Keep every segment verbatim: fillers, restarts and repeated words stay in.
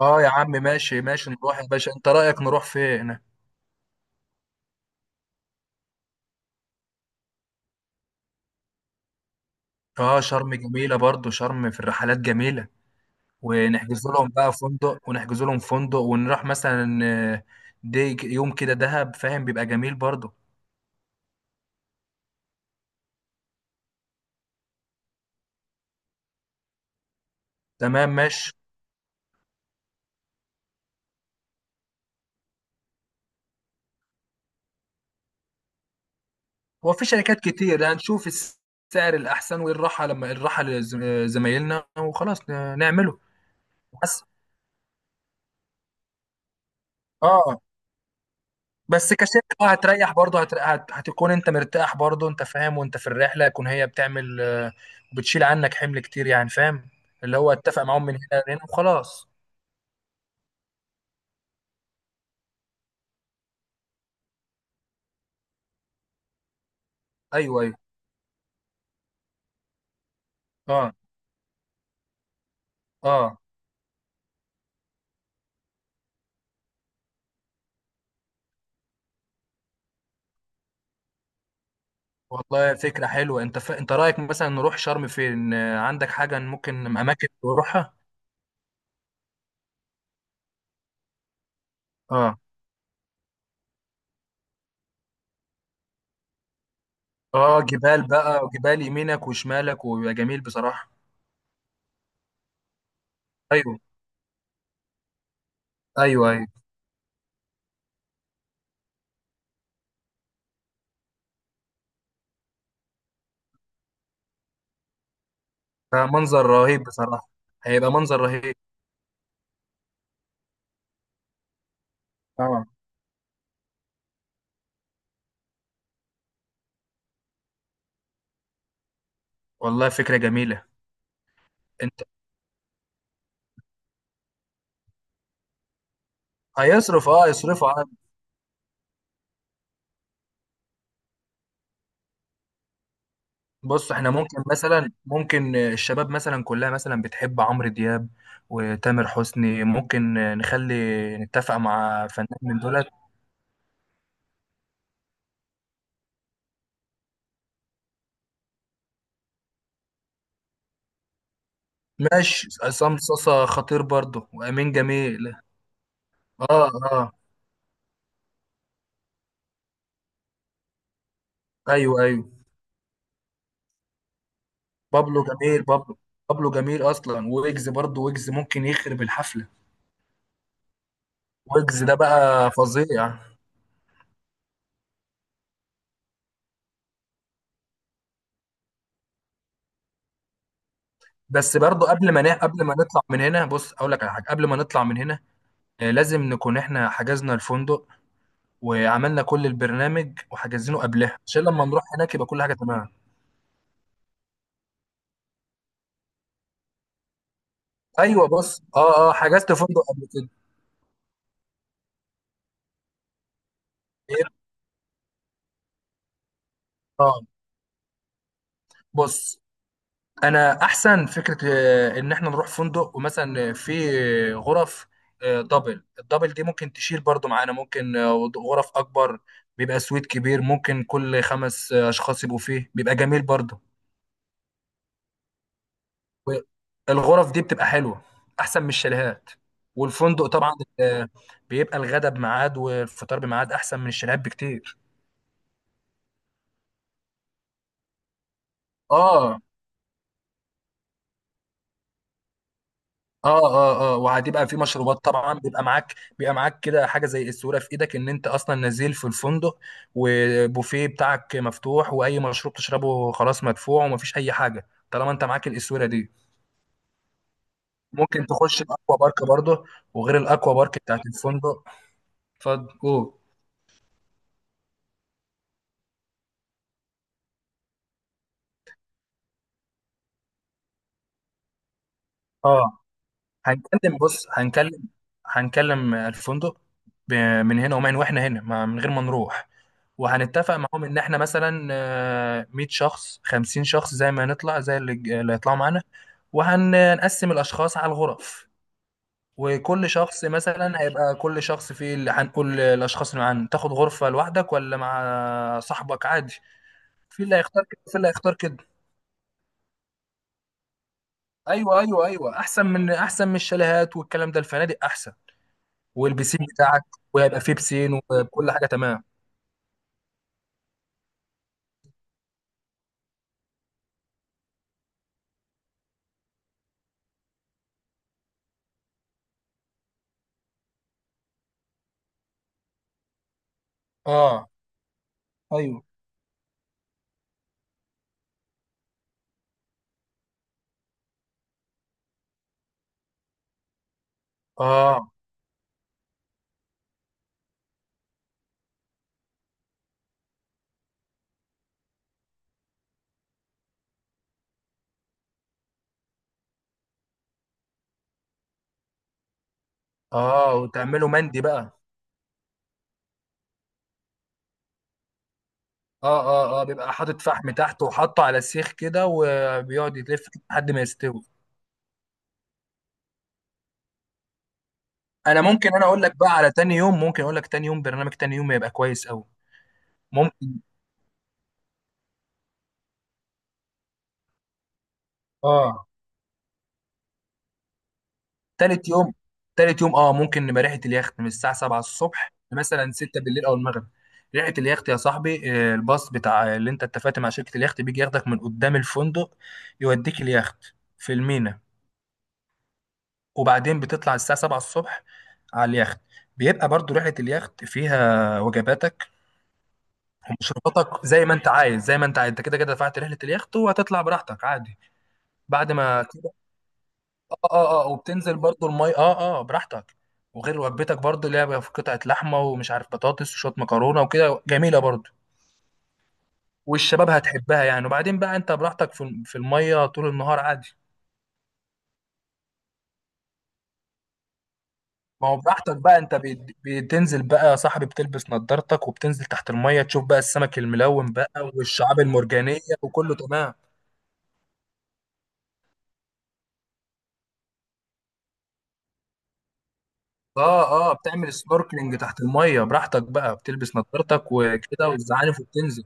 اه يا عم، ماشي ماشي، نروح يا باشا. انت رأيك نروح فين؟ اه شرم جميلة برضو، شرم في الرحلات جميلة. ونحجز لهم بقى فندق، ونحجز لهم فندق ونروح مثلا. آه، دي ك- يوم كده دهب فاهم، بيبقى جميل برضو. تمام ماشي. هو في شركات كتير، هنشوف السعر الأحسن والراحة، لما الراحة لزمايلنا وخلاص ن- نعمله. بس اه، بس كشركة اه هتريح برضه، هت... هت... هتكون انت مرتاح برضه انت فاهم، وانت في الرحلة يكون هي بتعمل آه، بتشيل عنك حمل كتير يعني فاهم. اللي هو اتفق معاهم من هنا لهنا وخلاص. ايوه ايوه. اه اه. والله فكرة حلوة. انت ف... انت رأيك مثلا نروح شرم فين؟ آه، عندك حاجة ممكن اماكن نروحها؟ اه اه، جبال بقى وجبال يمينك وشمالك، ويبقى جميل بصراحة. ايوه ايوه ايوه. آه، منظر رهيب بصراحة. هيبقى منظر رهيب. اه. والله فكرة جميلة. هيصرف، اه يصرفوا. عن بص، احنا ممكن مثلا، ممكن الشباب مثلا كلها مثلا بتحب عمرو دياب وتامر حسني، ممكن نخلي، نتفق مع فنان من دولت. ماشي، عصام صاصا خطير برضه، وامين جميل. اه اه. ايوه ايوه. بابلو جميل، بابلو. بابلو جميل اصلا، ويجز برضه. ويجز ممكن يخرب الحفله. ويجز ده بقى فظيع. بس برضه قبل ما ن- قبل ما نطلع من هنا، بص اقول لك على حاجه قبل ما نطلع من هنا. آه، لازم نكون احنا حجزنا الفندق وعملنا كل البرنامج وحجزينه قبلها، عشان لما نروح هناك يبقى كل حاجه تمام. ايوه. بص اه اه، حجزت فندق قبل كده. إيه؟ اه. بص، انا احسن فكره آه، ان احنا نروح فندق، ومثلا في غرف آه، دبل. الدبل دي ممكن تشيل برضو معانا. ممكن آه، غرف اكبر، بيبقى سويت كبير، ممكن كل خمس آه، اشخاص يبقوا فيه، بيبقى جميل برضو. والغرف دي بتبقى حلوه، احسن من الشاليهات. والفندق طبعا آه، بيبقى الغدا بميعاد والفطار بميعاد، احسن من الشاليهات بكتير. اه اه اه، اه وهتبقى في مشروبات طبعا، بيبقى معاك، بيبقى معاك كده حاجه زي الصوره في ايدك ان انت اصلا نازل في الفندق وبوفيه بتاعك مفتوح، واي مشروب تشربه خلاص مدفوع، ومفيش اي حاجه طالما انت معاك الاسوره دي. ممكن تخش الاكوا بارك برضه، وغير الاكوا بارك بتاعت الفندق. اتفضل قول. اه، هنكلم. بص هنكلم، هنكلم الفندق ب- من هنا، ومن واحنا هنا ما- من غير ما نروح. وهنتفق معاهم ان احنا مثلا آه، مية شخص، خمسين شخص، زي ما نطلع، زي اللي اللي هيطلعوا معانا. وهنقسم الاشخاص على الغرف. وكل شخص مثلا هيبقى، كل شخص فيه، اللي هنقول الاشخاص اللي معانا، تاخد غرفة لوحدك ولا مع صاحبك عادي. في اللي هيختار كده، في اللي هيختار كده. ايوه ايوه ايوه، احسن من، احسن من الشاليهات والكلام ده، الفنادق احسن. والبسين بتاعك، وهيبقى فيه بسين وكل حاجه تمام. اه ايوه اه اه، وتعمله مندي بقى. اه اه اه، بيبقى حاطط فحم تحت وحاطه على السيخ كده، وبيقعد يلف كده لحد ما يستوي. انا ممكن، انا اقول لك بقى على تاني يوم. ممكن اقول لك تاني يوم، برنامج تاني يوم يبقى كويس قوي. ممكن. اه. تالت يوم، تالت يوم اه، ممكن نبقى ريحه اليخت من الساعه سبعة الصبح مثلا، ستة بالليل او المغرب. ريحه اليخت يا صاحبي آه، الباص بتاع، اللي انت اتفقت مع شركه اليخت، بيجي ياخدك من قدام الفندق، يوديك اليخت في المينا. وبعدين بتطلع الساعه سبعة الصبح على اليخت. بيبقى برضو رحلة اليخت فيها وجباتك ومشروباتك زي ما انت عايز، زي ما انت عايز. انت كده كده دفعت رحلة اليخت، وهتطلع براحتك عادي. بعد ما اه اه اه، وبتنزل برضو المي اه اه براحتك. وغير وجبتك برضو، اللي هي في قطعة لحمة ومش عارف بطاطس وشوية مكرونة وكده، جميلة برضو. والشباب هتحبها يعني. وبعدين بقى انت براحتك في في المية طول النهار عادي. ما هو براحتك بقى. انت بت- بتنزل بقى يا صاحبي، بتلبس نضارتك، وبتنزل تحت المية، تشوف بقى السمك الملون بقى والشعاب المرجانية وكله تمام. اه اه، بتعمل سنوركلينج تحت المية براحتك بقى، بتلبس نضارتك وكده والزعانف، وبتنزل.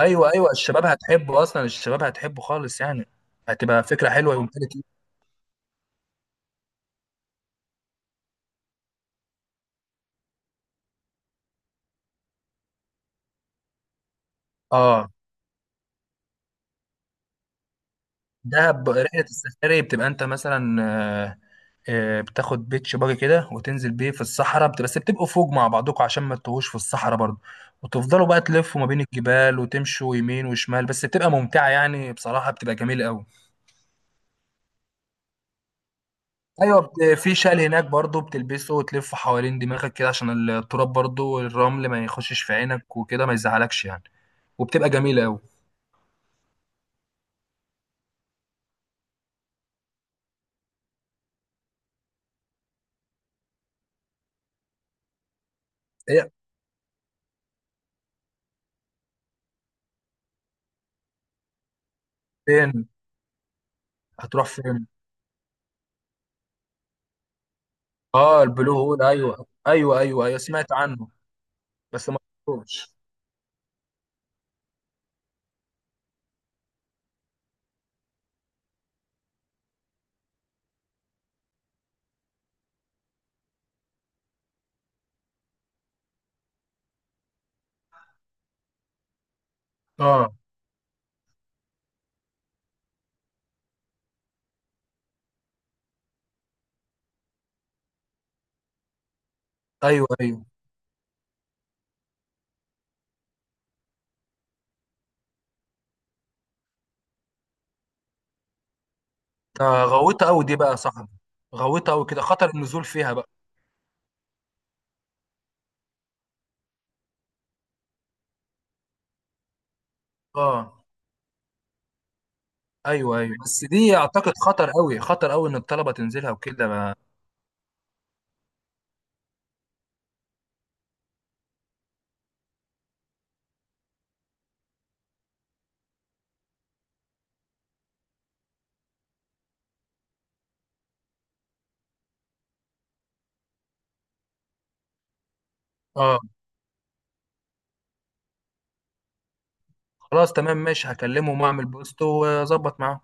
ايوه ايوه. الشباب هتحبه اصلا، الشباب هتحبه خالص يعني. هتبقى فكره حلوه ومنتاليتي. اه. دهب رحله السفاري، بتبقى انت مثلا آه، آه، بتاخد بيتش باجي كده وتنزل بيه في الصحراء، بت- بس بتبقوا فوق مع بعضكم عشان ما تتوهوش في الصحراء برضه. وتفضلوا بقى تلفوا ما بين الجبال، وتمشوا يمين وشمال. بس بتبقى ممتعه يعني بصراحه، بتبقى جميله قوي. ايوه. بت- في شال هناك برضه، بتلبسه وتلفه حوالين دماغك كده، عشان التراب برضه والرمل ما يخشش في عينك وكده، ما يزعلكش يعني. وبتبقى جميله قوي. فين؟ هتروح فين؟ اه البلو هول، ايوه ايوه ايوه ايوه، سمعت عنه. بس ما رحتوش. اه. ايوه ايوه. ده غويطه قوي دي بقى يا صاحبي. غويطه قوي كده، خطر النزول فيها بقى. اه. ايوه ايوه، بس دي اعتقد خطر قوي، خطر قوي ان الطلبه تنزلها وكده ما- اه. خلاص تمام ماشي، هكلمهم واعمل بوست واظبط معاهم.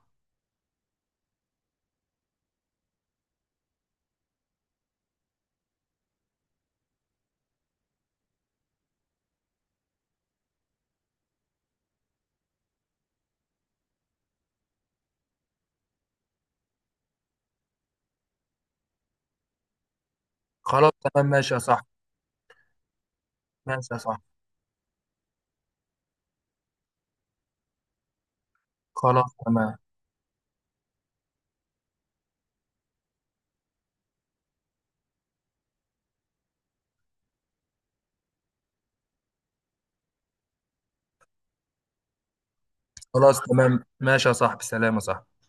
خلاص تمام ماشي يا صاحبي. ماشي يا صاحبي. خلاص تمام. خلاص تمام ماشي يا صاحبي، سلام يا صاحبي.